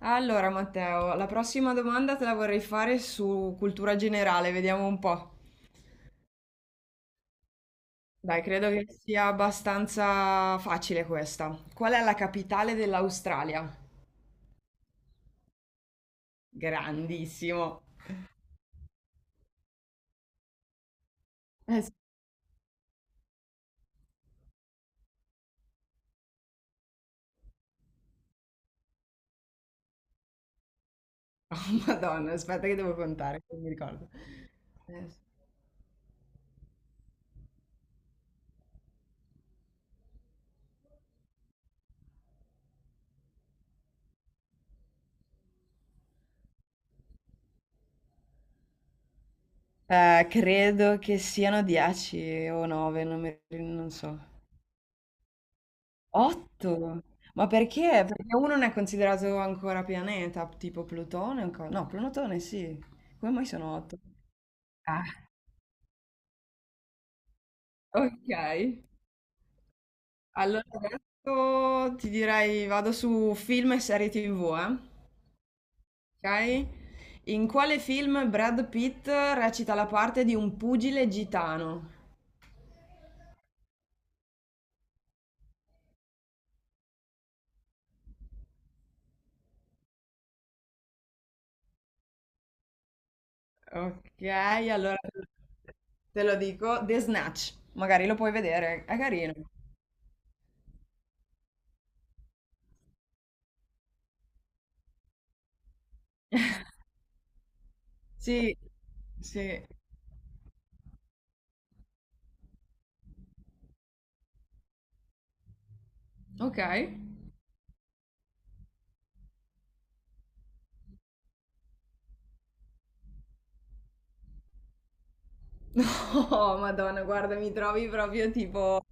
Allora, Matteo, la prossima domanda te la vorrei fare su cultura generale, vediamo un po'. Dai, credo che sia abbastanza facile questa. Qual è la capitale dell'Australia? Grandissimo. Sì, Madonna, aspetta che devo contare, non mi ricordo. Credo che siano 10 o 9, non so. 8? Ma perché? Perché uno non è considerato ancora pianeta, tipo Plutone? No, Plutone sì. Come mai sono 8? Ah, ok. Allora adesso ti direi vado su film e serie TV, eh? Ok? In quale film Brad Pitt recita la parte di un pugile gitano? Ok, allora te lo dico, The Snatch. Magari lo puoi vedere, è carino. Sì, sì. Ok. No, Madonna, guarda, mi trovi proprio tipo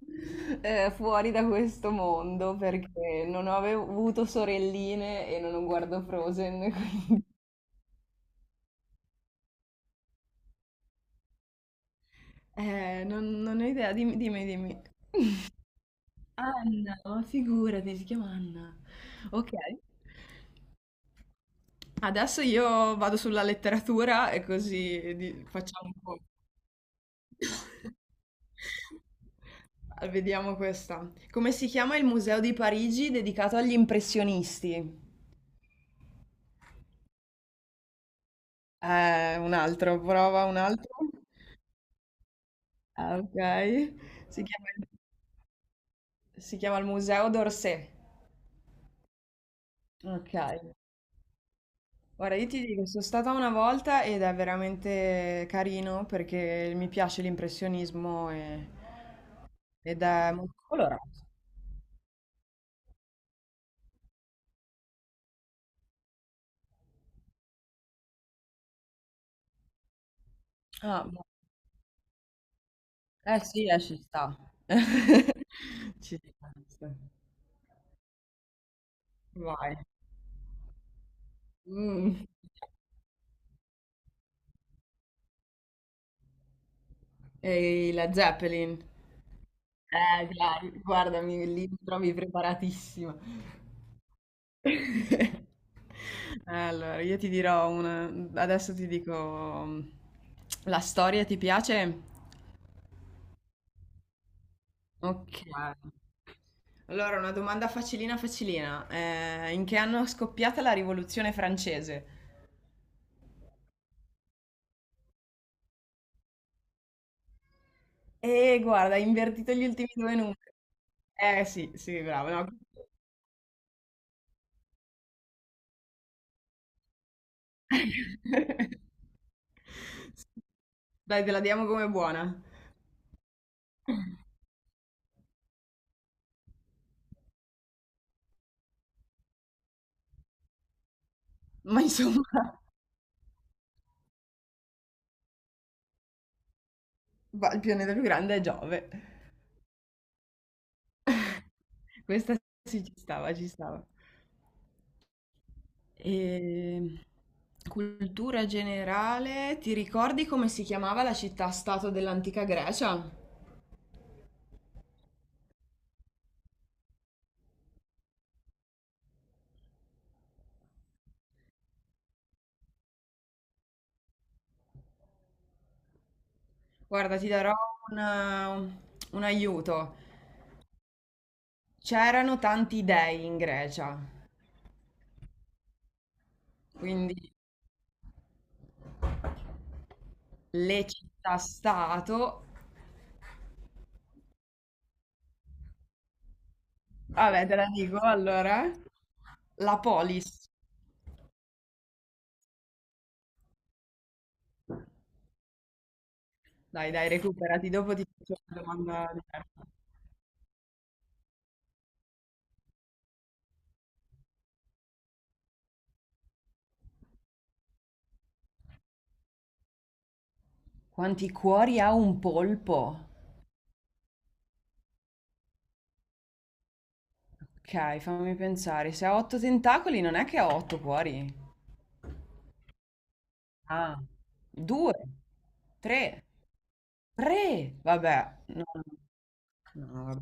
fuori da questo mondo perché non ho avuto sorelline e non guardo Frozen, quindi. Non ho idea, dimmi, dimmi, dimmi. Anna, ma figurati, si chiama Anna. Ok. Adesso io vado sulla letteratura e così facciamo un po'. Vediamo questa. Come si chiama il museo di Parigi dedicato agli impressionisti? Un altro, prova un altro. Ah, ok. Si chiama, si chiama il Museo d'Orsay. Ok. Ora, io ti dico, sono stata una volta ed è veramente carino perché mi piace l'impressionismo ed è molto colorato. Ah, eh sì, ci sta. Ci sta. Ci sta. Vai. Mm. E la Zeppelin. Guardami, lì mi trovi preparatissima. Allora, io ti dirò una. Adesso ti dico. La storia ti piace? Ok. Allora, una domanda facilina, facilina. In che anno è scoppiata la Rivoluzione francese? Guarda, hai invertito gli ultimi due numeri. Sì, sì, bravo. No. Dai, te la diamo come buona. Ma insomma, il pianeta più grande è Giove. Questa sì, ci stava, ci stava. E. Cultura generale, ti ricordi come si chiamava la città-stato dell'antica Grecia? Guarda, ti darò una- un aiuto. C'erano tanti dei in Grecia, quindi le città-stato. Vabbè, te la dico allora. La polis. Dai, dai, recuperati, dopo ti faccio una domanda diversa. Quanti cuori ha un polpo? Ok, fammi pensare. Se ha otto tentacoli non è che ha otto cuori. Ah, due, tre, tre. Vabbè, no, no, no, vabbè.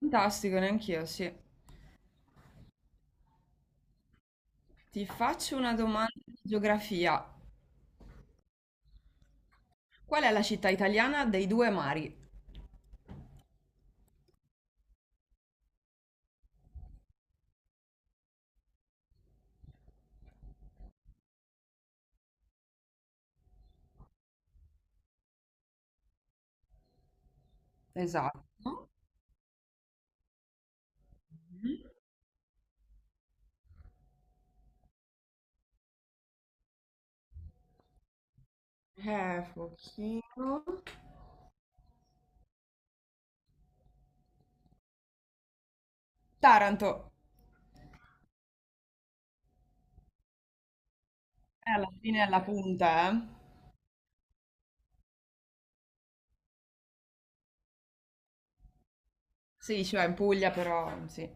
Fantastico, neanch'io, sì. Ti faccio una domanda di geografia. Qual è la città italiana dei due mari? Esatto. Mhm. Pochino. Taranto. È alla fine è alla punta, eh? Sì, cioè in Puglia, però sì.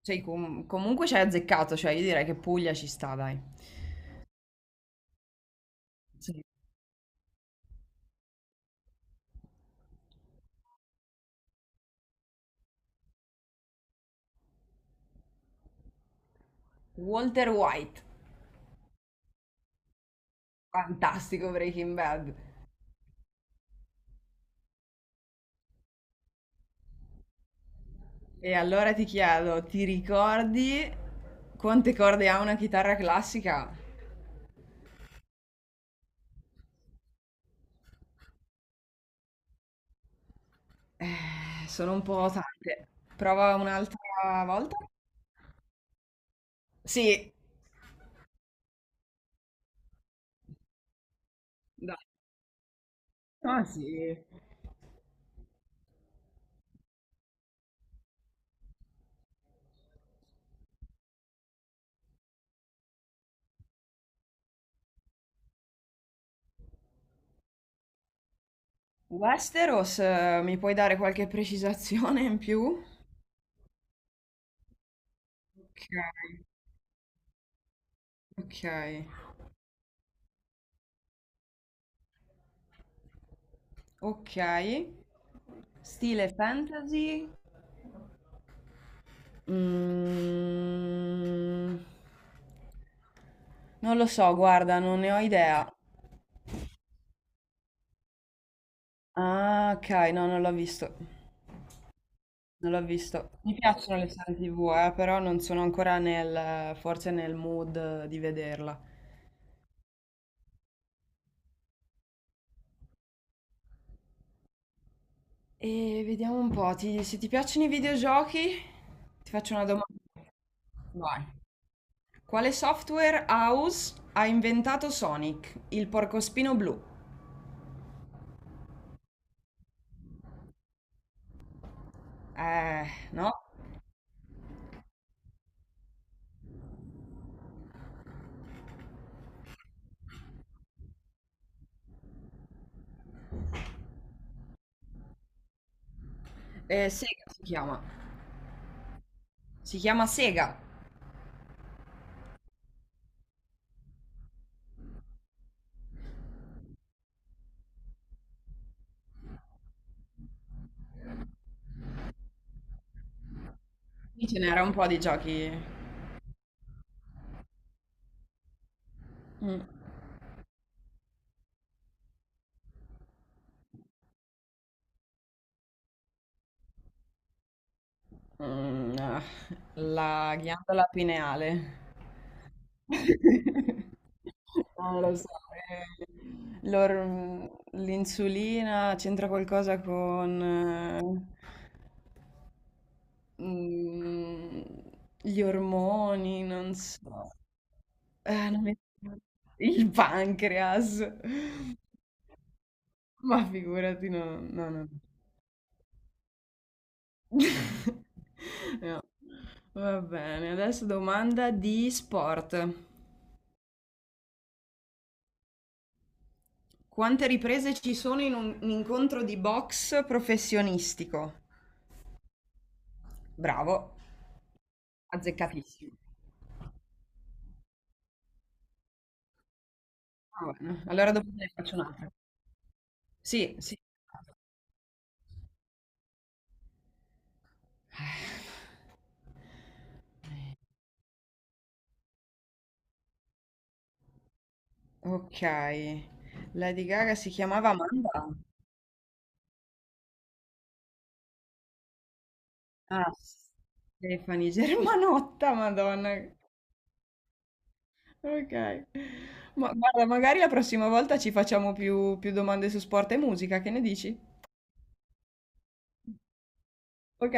Cioè, comunque ci hai azzeccato, cioè io direi che Puglia ci sta, dai. Sì. Walter White, fantastico Breaking Bad. E allora ti chiedo, ti ricordi quante corde ha una chitarra classica? Sono un po' tante. Prova un'altra volta? Sì, dai. Ah, sì. Westeros, mi puoi dare qualche precisazione in più? Ok, ok, ok. Stile fantasy, Mm, non lo so, guarda, non ne ho idea. Ah, ok, no, non l'ho visto. Non l'ho visto. Mi piacciono le serie TV, però non sono ancora forse nel mood di vederla. E vediamo un po', se ti piacciono i videogiochi, ti faccio una domanda. Vai. Quale software house ha inventato Sonic, il porcospino blu? Eh, no? Sega si chiama. Si chiama Sega. Sì, ce n'era un po' di giochi. Mm, ah, la ghiandola pineale. Non lo so. eh, l'or- mm, L'insulina c'entra qualcosa con eh, mm, gli ormoni, non so. Non mi ricordo. Il pancreas. Ma figurati, no, no, no. No. Va bene, adesso domanda di sport. Quante riprese ci sono in un incontro di box professionistico? Bravo, azzeccatissimo. Va bene, allora dopo te ne faccio un'altra. Sì, sì. Ok, Lady Gaga si chiamava Amanda. Ah, Stefani Germanotta, Madonna. Ok. Ma guarda, magari la prossima volta ci facciamo più, più domande su sport e musica, che ne dici? Ok.